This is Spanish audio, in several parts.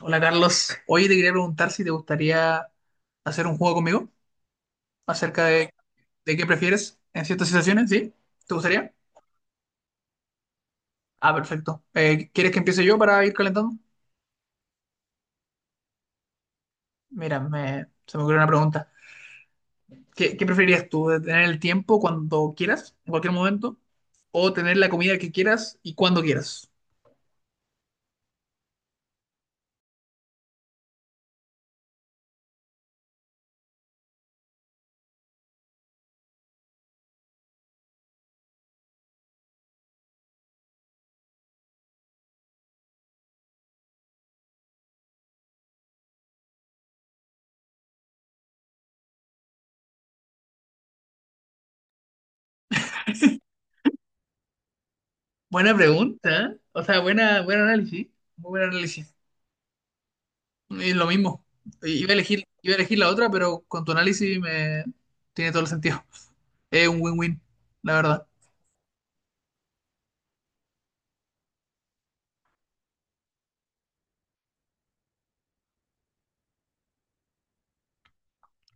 Hola Carlos, hoy te quería preguntar si te gustaría hacer un juego conmigo acerca de qué prefieres en ciertas situaciones, ¿sí? ¿Te gustaría? Ah, perfecto. ¿Quieres que empiece yo para ir calentando? Mira, se me ocurrió una pregunta. ¿Qué preferirías tú? ¿Tener el tiempo cuando quieras, en cualquier momento? ¿O tener la comida que quieras y cuando quieras? Buena pregunta, ¿eh? O sea, buen análisis, muy buen análisis. Es lo mismo. Iba a elegir la otra, pero con tu análisis me tiene todo el sentido. Es un win-win, la verdad.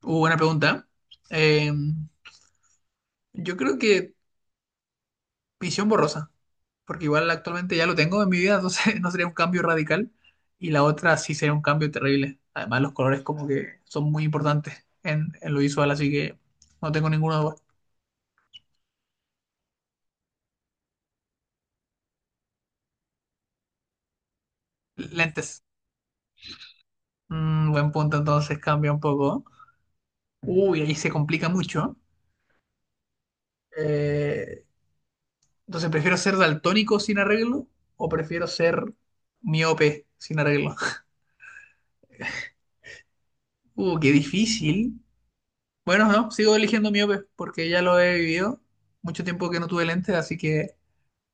Buena pregunta. Eh, yo creo que visión borrosa, porque igual actualmente ya lo tengo en mi vida, entonces no sería un cambio radical. Y la otra sí sería un cambio terrible. Además, los colores como que son muy importantes en lo visual, así que no tengo ninguna duda. Lentes. Mm, buen punto, entonces cambia un poco. Uy, ahí se complica mucho. Eh, entonces, ¿prefiero ser daltónico sin arreglo o prefiero ser miope sin arreglo? Qué difícil. Bueno, no, sigo eligiendo miope porque ya lo he vivido. Mucho tiempo que no tuve lentes, así que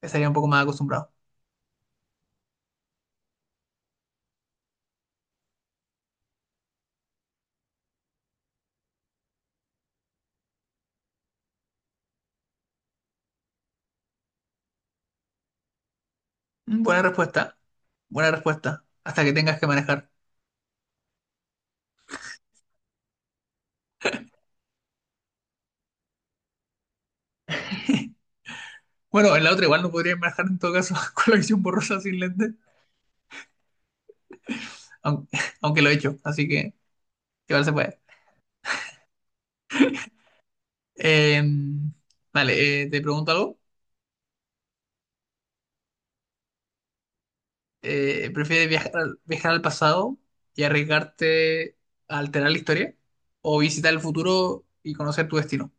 estaría un poco más acostumbrado. Mm, buena respuesta. Buena respuesta. Hasta que tengas que manejar. Bueno, en la otra igual no podría manejar en todo caso con la visión borrosa sin lentes, aunque, aunque lo he hecho, así que igual se puede. Eh, vale, te pregunto algo. ¿Prefieres viajar, viajar al pasado y arriesgarte a alterar la historia o visitar el futuro y conocer tu destino?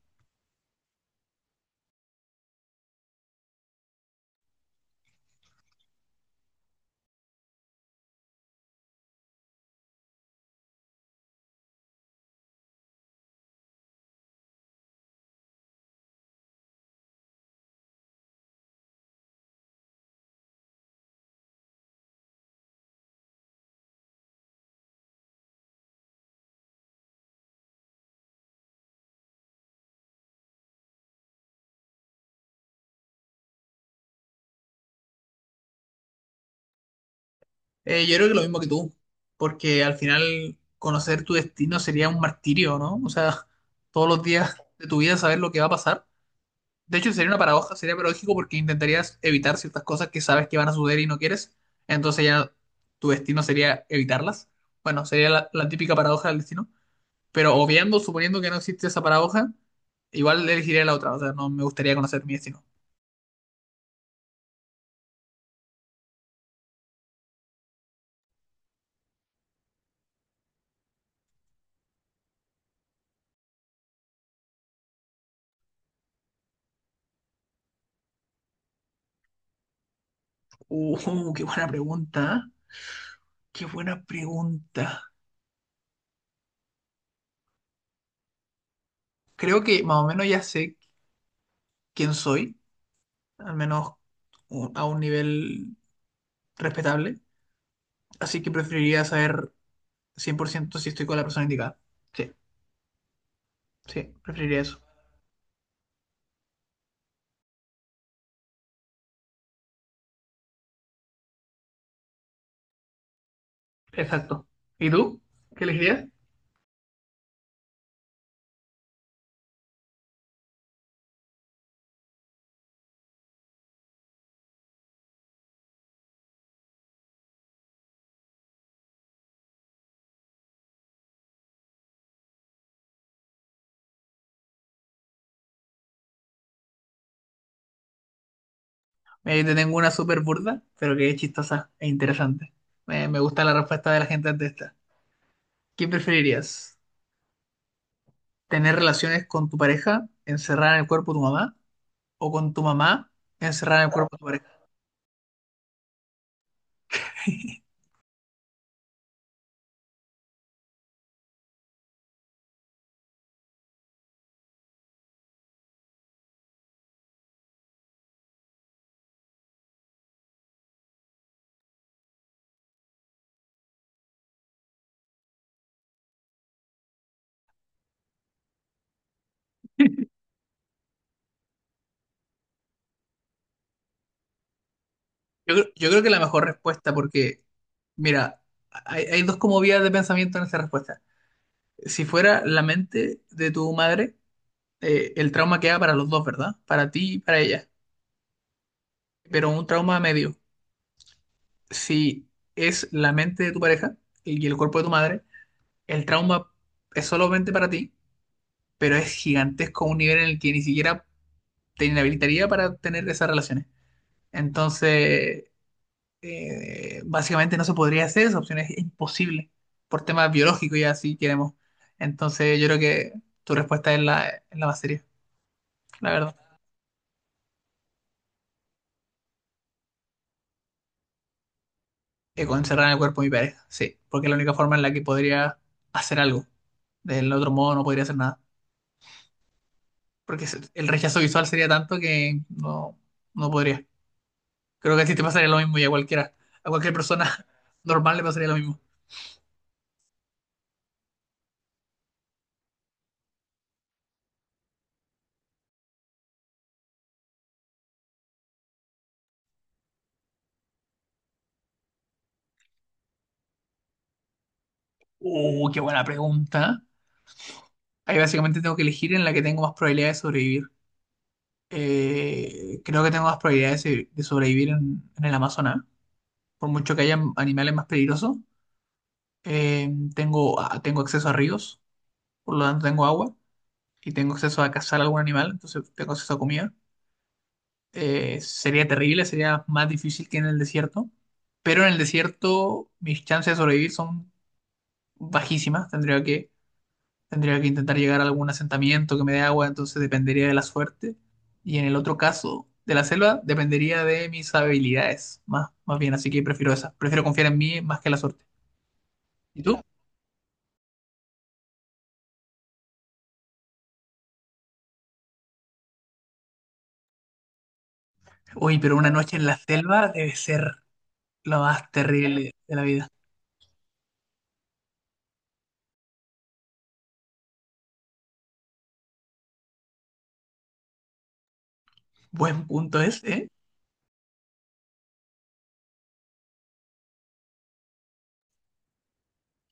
Yo creo que lo mismo que tú, porque al final conocer tu destino sería un martirio, ¿no? O sea, todos los días de tu vida saber lo que va a pasar. De hecho, sería una paradoja, sería paradójico porque intentarías evitar ciertas cosas que sabes que van a suceder y no quieres. Entonces ya tu destino sería evitarlas. Bueno, sería la típica paradoja del destino. Pero obviando, suponiendo que no existe esa paradoja, igual elegiría la otra. O sea, no me gustaría conocer mi destino. Qué buena pregunta, ¿eh? Qué buena pregunta. Creo que más o menos ya sé quién soy, al menos a un nivel respetable. Así que preferiría saber 100% si estoy con la persona indicada. Sí, sí, preferiría eso. Exacto. ¿Y tú? ¿Qué elegirías? Mira, yo te tengo una súper burda, pero que es chistosa e interesante. Me gusta la respuesta de la gente ante esta. ¿Qué preferirías? ¿Tener relaciones con tu pareja encerrada en el cuerpo de tu mamá o con tu mamá encerrada en el cuerpo de tu pareja? Yo creo que la mejor respuesta, porque, mira, hay dos como vías de pensamiento en esa respuesta. Si fuera la mente de tu madre, el trauma queda para los dos, ¿verdad? Para ti y para ella. Pero un trauma a medio. Si es la mente de tu pareja y el cuerpo de tu madre, el trauma es solamente para ti, pero es gigantesco a un nivel en el que ni siquiera te inhabilitaría para tener esas relaciones. Entonces, básicamente no se podría hacer, esa opción es imposible por temas biológicos y así queremos. Entonces yo creo que tu respuesta es es la más seria, la verdad. Con encerrar en el cuerpo de mi pareja, sí, porque es la única forma en la que podría hacer algo. Del otro modo no podría hacer nada, porque el rechazo visual sería tanto que no, no podría. Creo que a ti te pasaría lo mismo y a cualquiera, a cualquier persona normal le pasaría lo mismo. Qué buena pregunta. Ahí básicamente tengo que elegir en la que tengo más probabilidad de sobrevivir. Creo que tengo más probabilidades de sobrevivir en el Amazonas. Por mucho que haya animales más peligrosos, tengo, tengo acceso a ríos, por lo tanto tengo agua y tengo acceso a cazar algún animal, entonces tengo acceso a comida. Sería terrible, sería más difícil que en el desierto, pero en el desierto mis chances de sobrevivir son bajísimas, Tendría que intentar llegar a algún asentamiento que me dé agua, entonces dependería de la suerte. Y en el otro caso, de la selva, dependería de mis habilidades, más bien, así que prefiero esa. Prefiero confiar en mí más que en la suerte. ¿Y tú? Uy, pero una noche en la selva debe ser lo más terrible de la vida. Buen punto es, ¿eh?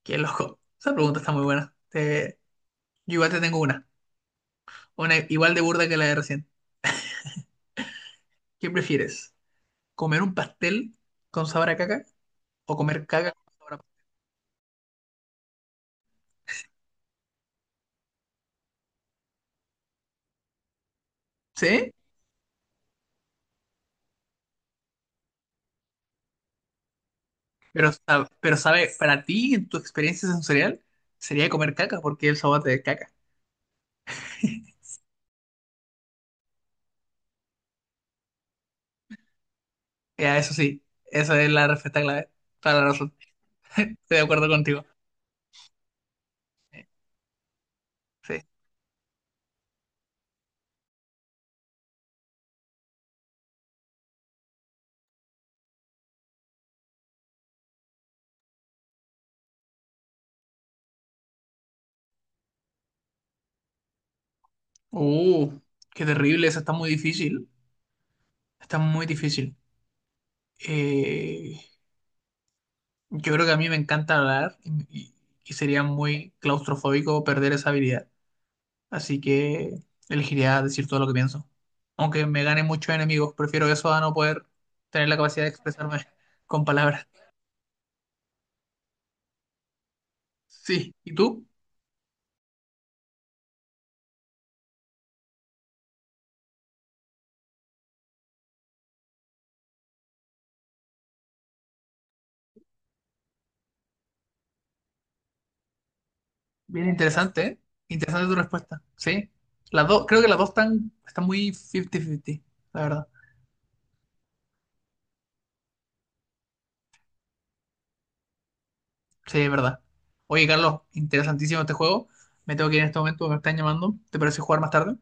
Qué loco. Esa pregunta está muy buena. Yo igual te tengo una. Una igual de burda que la de recién. ¿Qué prefieres? ¿Comer un pastel con sabor a caca o comer caca con sabor a... ¿Sí? Pero, pero sabe, para ti, en tu experiencia sensorial, sería comer caca, porque el sabor te caca. Ya, eso sí, esa es la respuesta clave. Toda la razón. Estoy de acuerdo contigo. Sí. Uh, qué terrible, eso está muy difícil. Está muy difícil. Eh, yo creo que a mí me encanta hablar y sería muy claustrofóbico perder esa habilidad. Así que elegiría decir todo lo que pienso. Aunque me gane muchos enemigos, prefiero eso a no poder tener la capacidad de expresarme con palabras. Sí, ¿y tú? Bien interesante, ¿eh? Interesante tu respuesta. Sí, las dos, creo que las dos están muy 50-50, la verdad. Sí, es verdad. Oye, Carlos, interesantísimo este juego. Me tengo que ir en este momento, me están llamando. ¿Te parece jugar más tarde?